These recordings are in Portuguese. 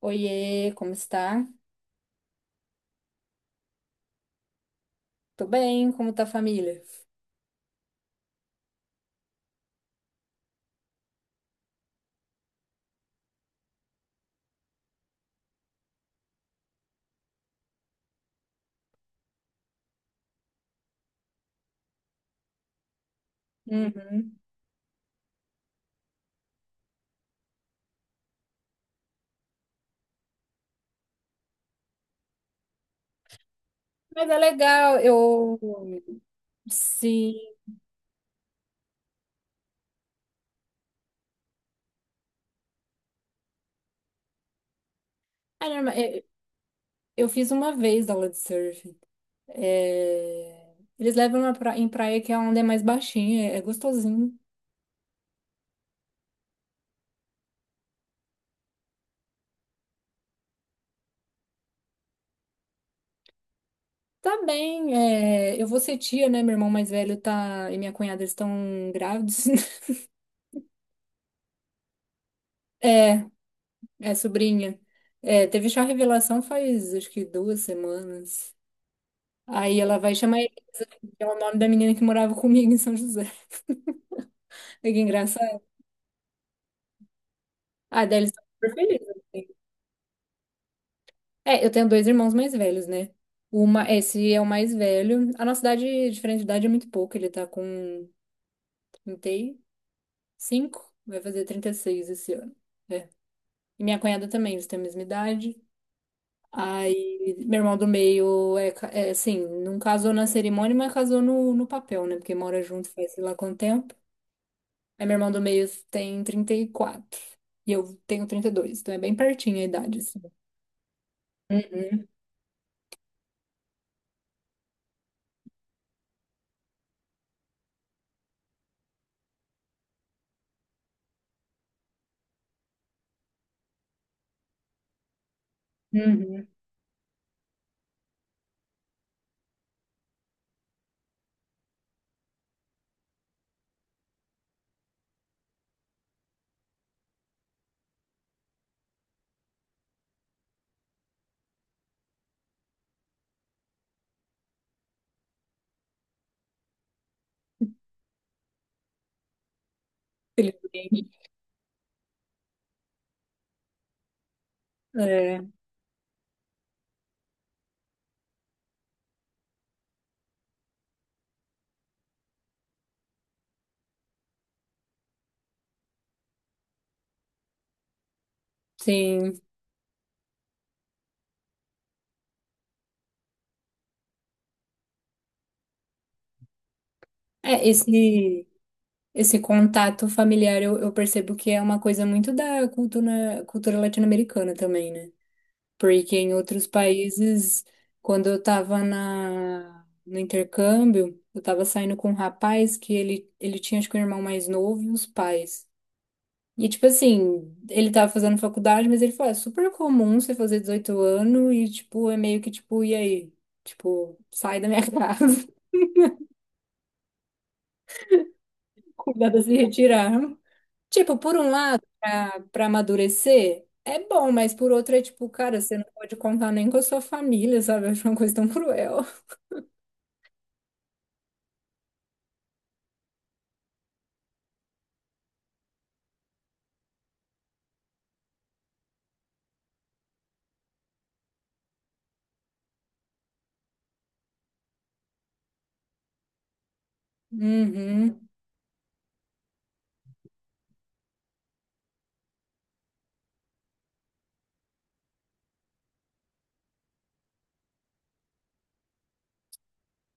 Oiê, como está? Tô bem, como tá a família? Uhum. Mas é legal, eu sim. É normal. Eu fiz uma vez aula de surf. É, eles levam em praia que a onde é mais baixinha, é gostosinho. Tá bem, é, eu vou ser tia, né? Meu irmão mais velho tá e minha cunhada estão grávidos. É, é sobrinha. É, teve chá revelação faz acho que duas semanas. Aí ela vai chamar Elisa, que é o nome da menina que morava comigo em São José. Olha, que engraçado. Ah, daí eles estão super felizes, assim. É, eu tenho dois irmãos mais velhos, né? Uma, esse é o mais velho. A nossa idade, diferente de idade, é muito pouco. Ele tá com 35, vai fazer 36 esse ano. É. E minha cunhada também, eles têm a mesma idade. Aí, meu irmão do meio é assim, não casou na cerimônia, mas casou no papel, né? Porque mora junto faz sei lá quanto tempo. Aí meu irmão do meio tem 34 e quatro e eu tenho 32, então é bem pertinho a idade, assim. Uhum, uhum. Felizmente. É, sim. É, esse contato familiar eu percebo que é uma coisa muito da cultura, cultura latino-americana também, né? Porque em outros países, quando eu tava no intercâmbio, eu tava saindo com um rapaz que ele tinha, acho que um irmão mais novo e os pais. E, tipo assim, ele tava fazendo faculdade, mas ele falou, é super comum você fazer 18 anos e, tipo, é meio que, tipo, e aí? Tipo, sai da minha casa, cuidado a se retirar. Tipo, por um lado, pra amadurecer, é bom, mas por outro é, tipo, cara, você não pode contar nem com a sua família, sabe? Eu acho uma coisa tão cruel. Uhum.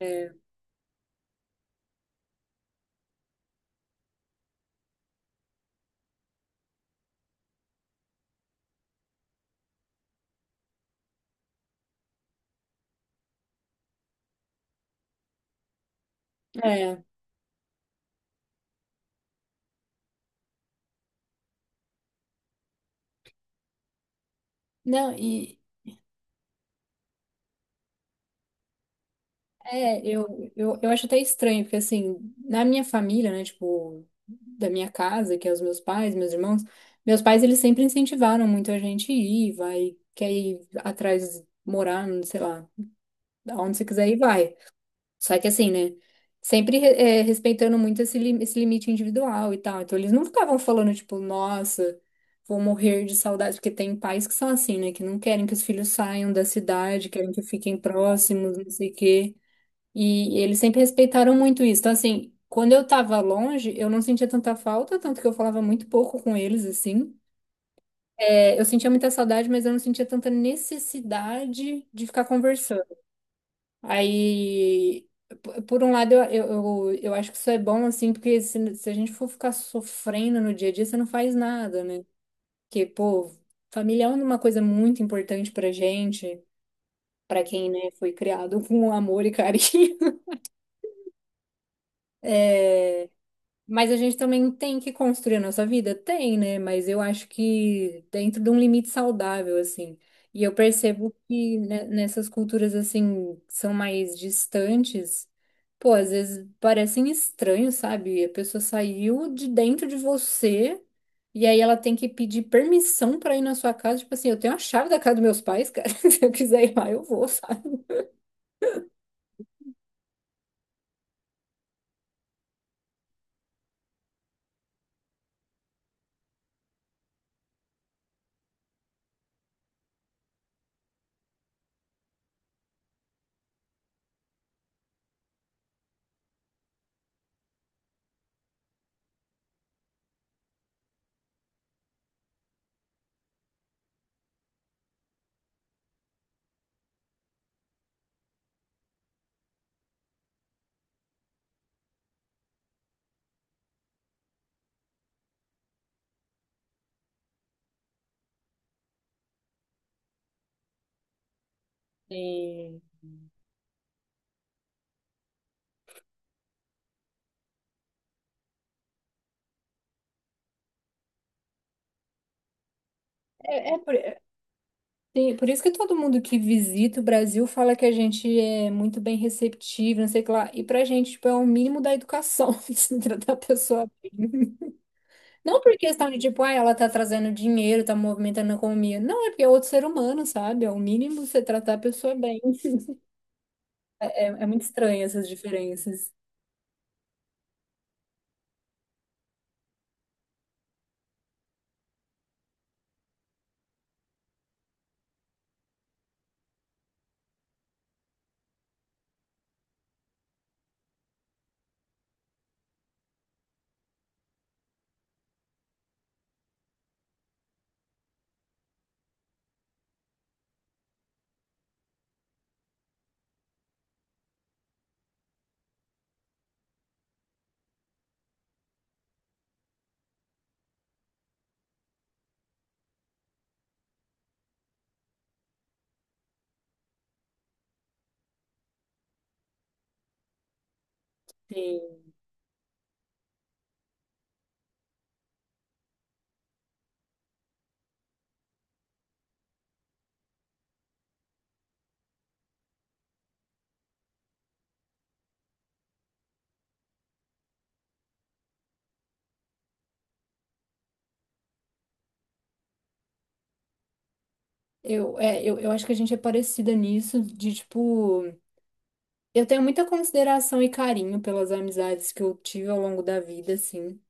É. É. Não, e eu acho até estranho, porque assim, na minha família, né, tipo, da minha casa, que é os meus pais, meus irmãos, meus pais, eles sempre incentivaram muito a gente ir, vai, quer ir atrás, morar, não sei lá, aonde você quiser ir, vai. Só que assim, né, sempre é, respeitando muito esse limite individual e tal. Então, eles não ficavam falando, tipo, nossa, vou morrer de saudade, porque tem pais que são assim, né, que não querem que os filhos saiam da cidade, querem que fiquem próximos, não sei o quê. E eles sempre respeitaram muito isso. Então, assim, quando eu tava longe, eu não sentia tanta falta, tanto que eu falava muito pouco com eles, assim. É, eu sentia muita saudade, mas eu não sentia tanta necessidade de ficar conversando. Aí, por um lado, eu acho que isso é bom, assim, porque se a gente for ficar sofrendo no dia a dia, você não faz nada, né? Porque, pô, família é uma coisa muito importante pra gente, pra quem, né, foi criado com amor e carinho. Mas a gente também tem que construir a nossa vida? Tem, né? Mas eu acho que dentro de um limite saudável, assim. E eu percebo que né, nessas culturas, assim, que são mais distantes, pô, às vezes parecem estranhos, sabe? A pessoa saiu de dentro de você e aí ela tem que pedir permissão pra ir na sua casa. Tipo assim, eu tenho a chave da casa dos meus pais, cara. Se eu quiser ir lá, eu vou, sim. É, por isso que todo mundo que visita o Brasil fala que a gente é muito bem receptivo, não sei o que lá. E pra gente, tipo, é o mínimo da educação se tratar a pessoa bem. Não por questão de, tipo, ah, ela tá trazendo dinheiro, tá movimentando a economia. Não, é porque é outro ser humano, sabe? É o mínimo você tratar a pessoa bem. É, é muito estranho essas diferenças. Sim. Eu acho que a gente é parecida nisso, de tipo, eu tenho muita consideração e carinho pelas amizades que eu tive ao longo da vida, assim.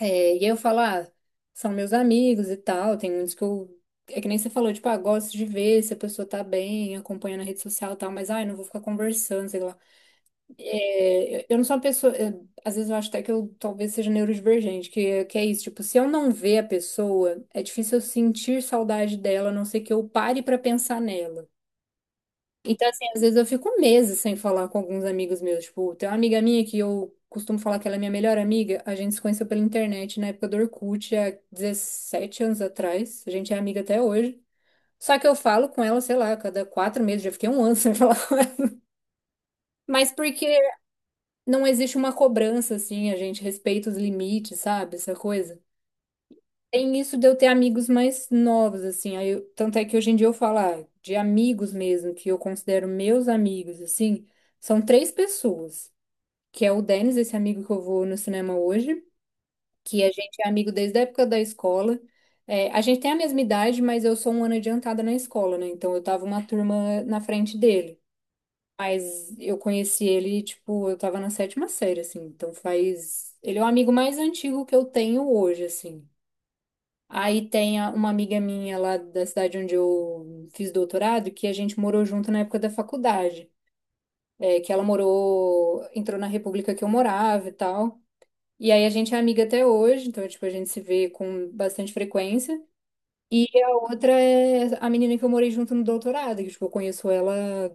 É, e aí eu falo, ah, são meus amigos e tal, tem muitos que eu. É que nem você falou, tipo, ah, gosto de ver se a pessoa tá bem, acompanha na rede social e tal, mas ai, não vou ficar conversando, sei lá. É, eu não sou uma pessoa. Às vezes eu acho até que eu talvez seja neurodivergente, que é isso. Tipo, se eu não ver a pessoa, é difícil eu sentir saudade dela, a não ser que eu pare pra pensar nela. Então, assim, às vezes eu fico meses sem falar com alguns amigos meus. Tipo, tem uma amiga minha que eu costumo falar que ela é minha melhor amiga. A gente se conheceu pela internet na época do Orkut, há 17 anos atrás. A gente é amiga até hoje. Só que eu falo com ela, sei lá, a cada 4 meses, já fiquei um ano sem falar. Mas porque não existe uma cobrança, assim, a gente respeita os limites, sabe? Essa coisa. Tem isso de eu ter amigos mais novos, assim. Aí tanto é que hoje em dia eu falo, ah, de amigos mesmo, que eu considero meus amigos, assim, são três pessoas, que é o Denis, esse amigo que eu vou no cinema hoje, que a gente é amigo desde a época da escola. É, a gente tem a mesma idade, mas eu sou um ano adiantada na escola, né? Então eu tava uma turma na frente dele. Mas eu conheci ele, tipo, eu tava na sétima série, assim. Então faz. Ele é o amigo mais antigo que eu tenho hoje, assim. Aí tem uma amiga minha lá da cidade onde eu fiz doutorado, que a gente morou junto na época da faculdade. É, que ela morou, entrou na república que eu morava e tal. E aí a gente é amiga até hoje, então, tipo, a gente se vê com bastante frequência. E a outra é a menina que eu morei junto no doutorado, que, tipo, eu conheço ela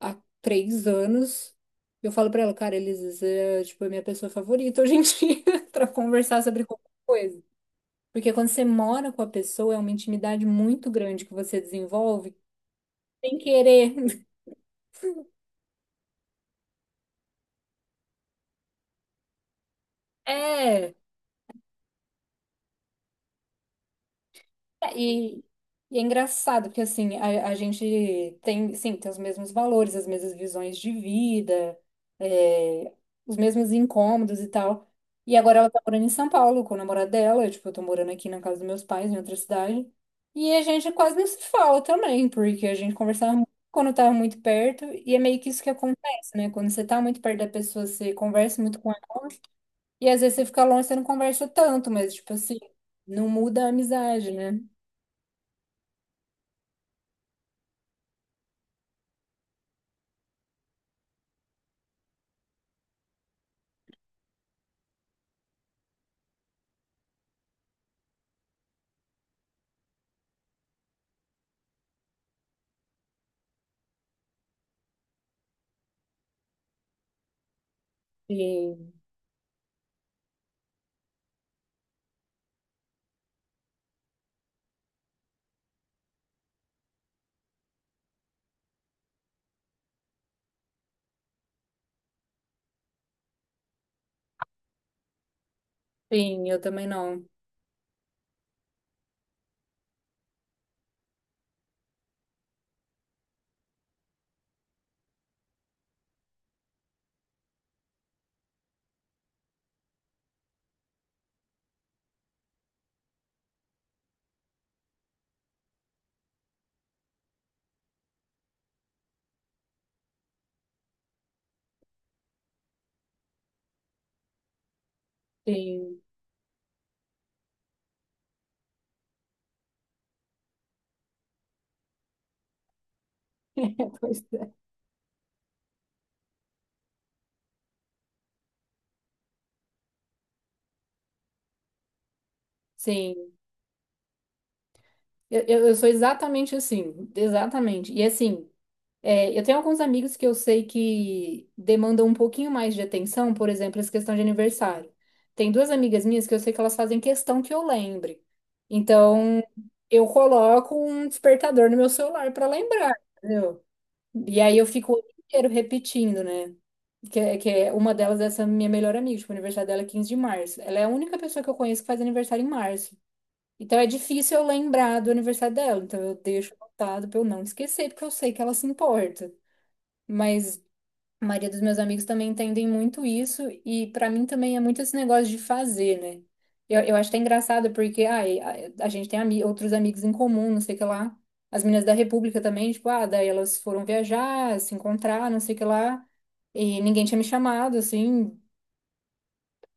há 3 anos. Eu falo pra ela, cara, Elis, é, tipo, a minha pessoa favorita hoje em dia pra conversar sobre qualquer coisa. Porque quando você mora com a pessoa, é uma intimidade muito grande que você desenvolve sem querer. É. É, e é engraçado, porque assim, a gente tem, sim, tem os mesmos valores, as mesmas visões de vida, é, os mesmos incômodos e tal. E agora ela tá morando em São Paulo com o namorado dela, eu, tipo, eu tô morando aqui na casa dos meus pais, em outra cidade. E a gente quase não se fala também, porque a gente conversava muito quando tava muito perto, e é meio que isso que acontece, né? Quando você tá muito perto da pessoa, você conversa muito com ela. E às vezes você fica longe, você não conversa tanto, mas, tipo assim, não muda a amizade, né? E sim, eu também não. Sim. Pois é. Sim. Eu sou exatamente assim. Exatamente. E assim, é, eu tenho alguns amigos que eu sei que demandam um pouquinho mais de atenção, por exemplo, essa questão de aniversário. Tem duas amigas minhas que eu sei que elas fazem questão que eu lembre. Então, eu coloco um despertador no meu celular para lembrar, entendeu? E aí eu fico o ano inteiro repetindo, né? Que é uma delas, é essa minha melhor amiga, tipo, o aniversário dela é 15 de março. Ela é a única pessoa que eu conheço que faz aniversário em março. Então é difícil eu lembrar do aniversário dela. Então eu deixo anotado pra eu não esquecer, porque eu sei que ela se importa. Mas a maioria dos meus amigos também entendem muito isso, e pra mim também é muito esse negócio de fazer, né? Eu acho até engraçado, porque ai, a gente tem ami outros amigos em comum, não sei o que lá. As meninas da República também, tipo, ah, daí elas foram viajar, se encontrar, não sei o que lá, e ninguém tinha me chamado, assim.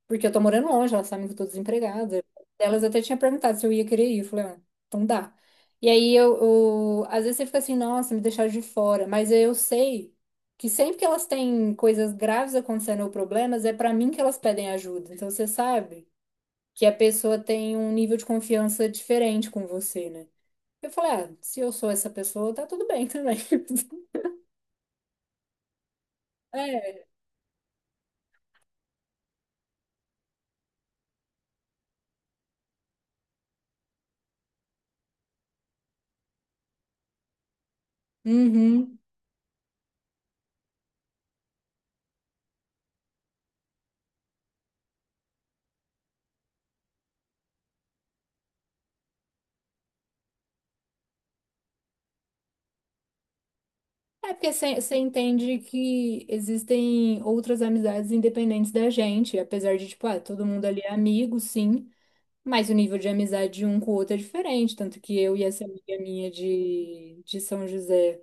Porque eu tô morando longe, elas sabem que eu tô desempregada. Elas até tinha perguntado se eu ia querer ir. Eu falei, ah, então dá. E aí às vezes você fica assim, nossa, me deixaram de fora. Mas eu sei que sempre que elas têm coisas graves acontecendo ou problemas, é pra mim que elas pedem ajuda. Então você sabe que a pessoa tem um nível de confiança diferente com você, né? Eu falei, ah, se eu sou essa pessoa, tá tudo bem também. É. Uhum. É porque você entende que existem outras amizades independentes da gente, apesar de, tipo, ah, todo mundo ali é amigo, sim, mas o nível de amizade de um com o outro é diferente, tanto que eu e essa amiga minha de São José,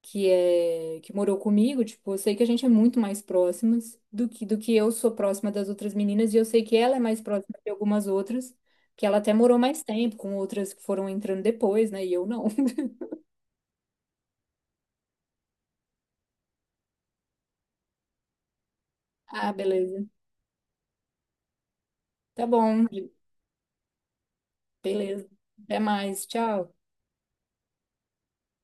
que é que morou comigo, tipo, eu sei que a gente é muito mais próximas do que eu sou próxima das outras meninas, e eu sei que ela é mais próxima de algumas outras, que ela até morou mais tempo com outras que foram entrando depois, né, e eu não. Ah, beleza. Tá bom. Beleza. Até mais. Tchau.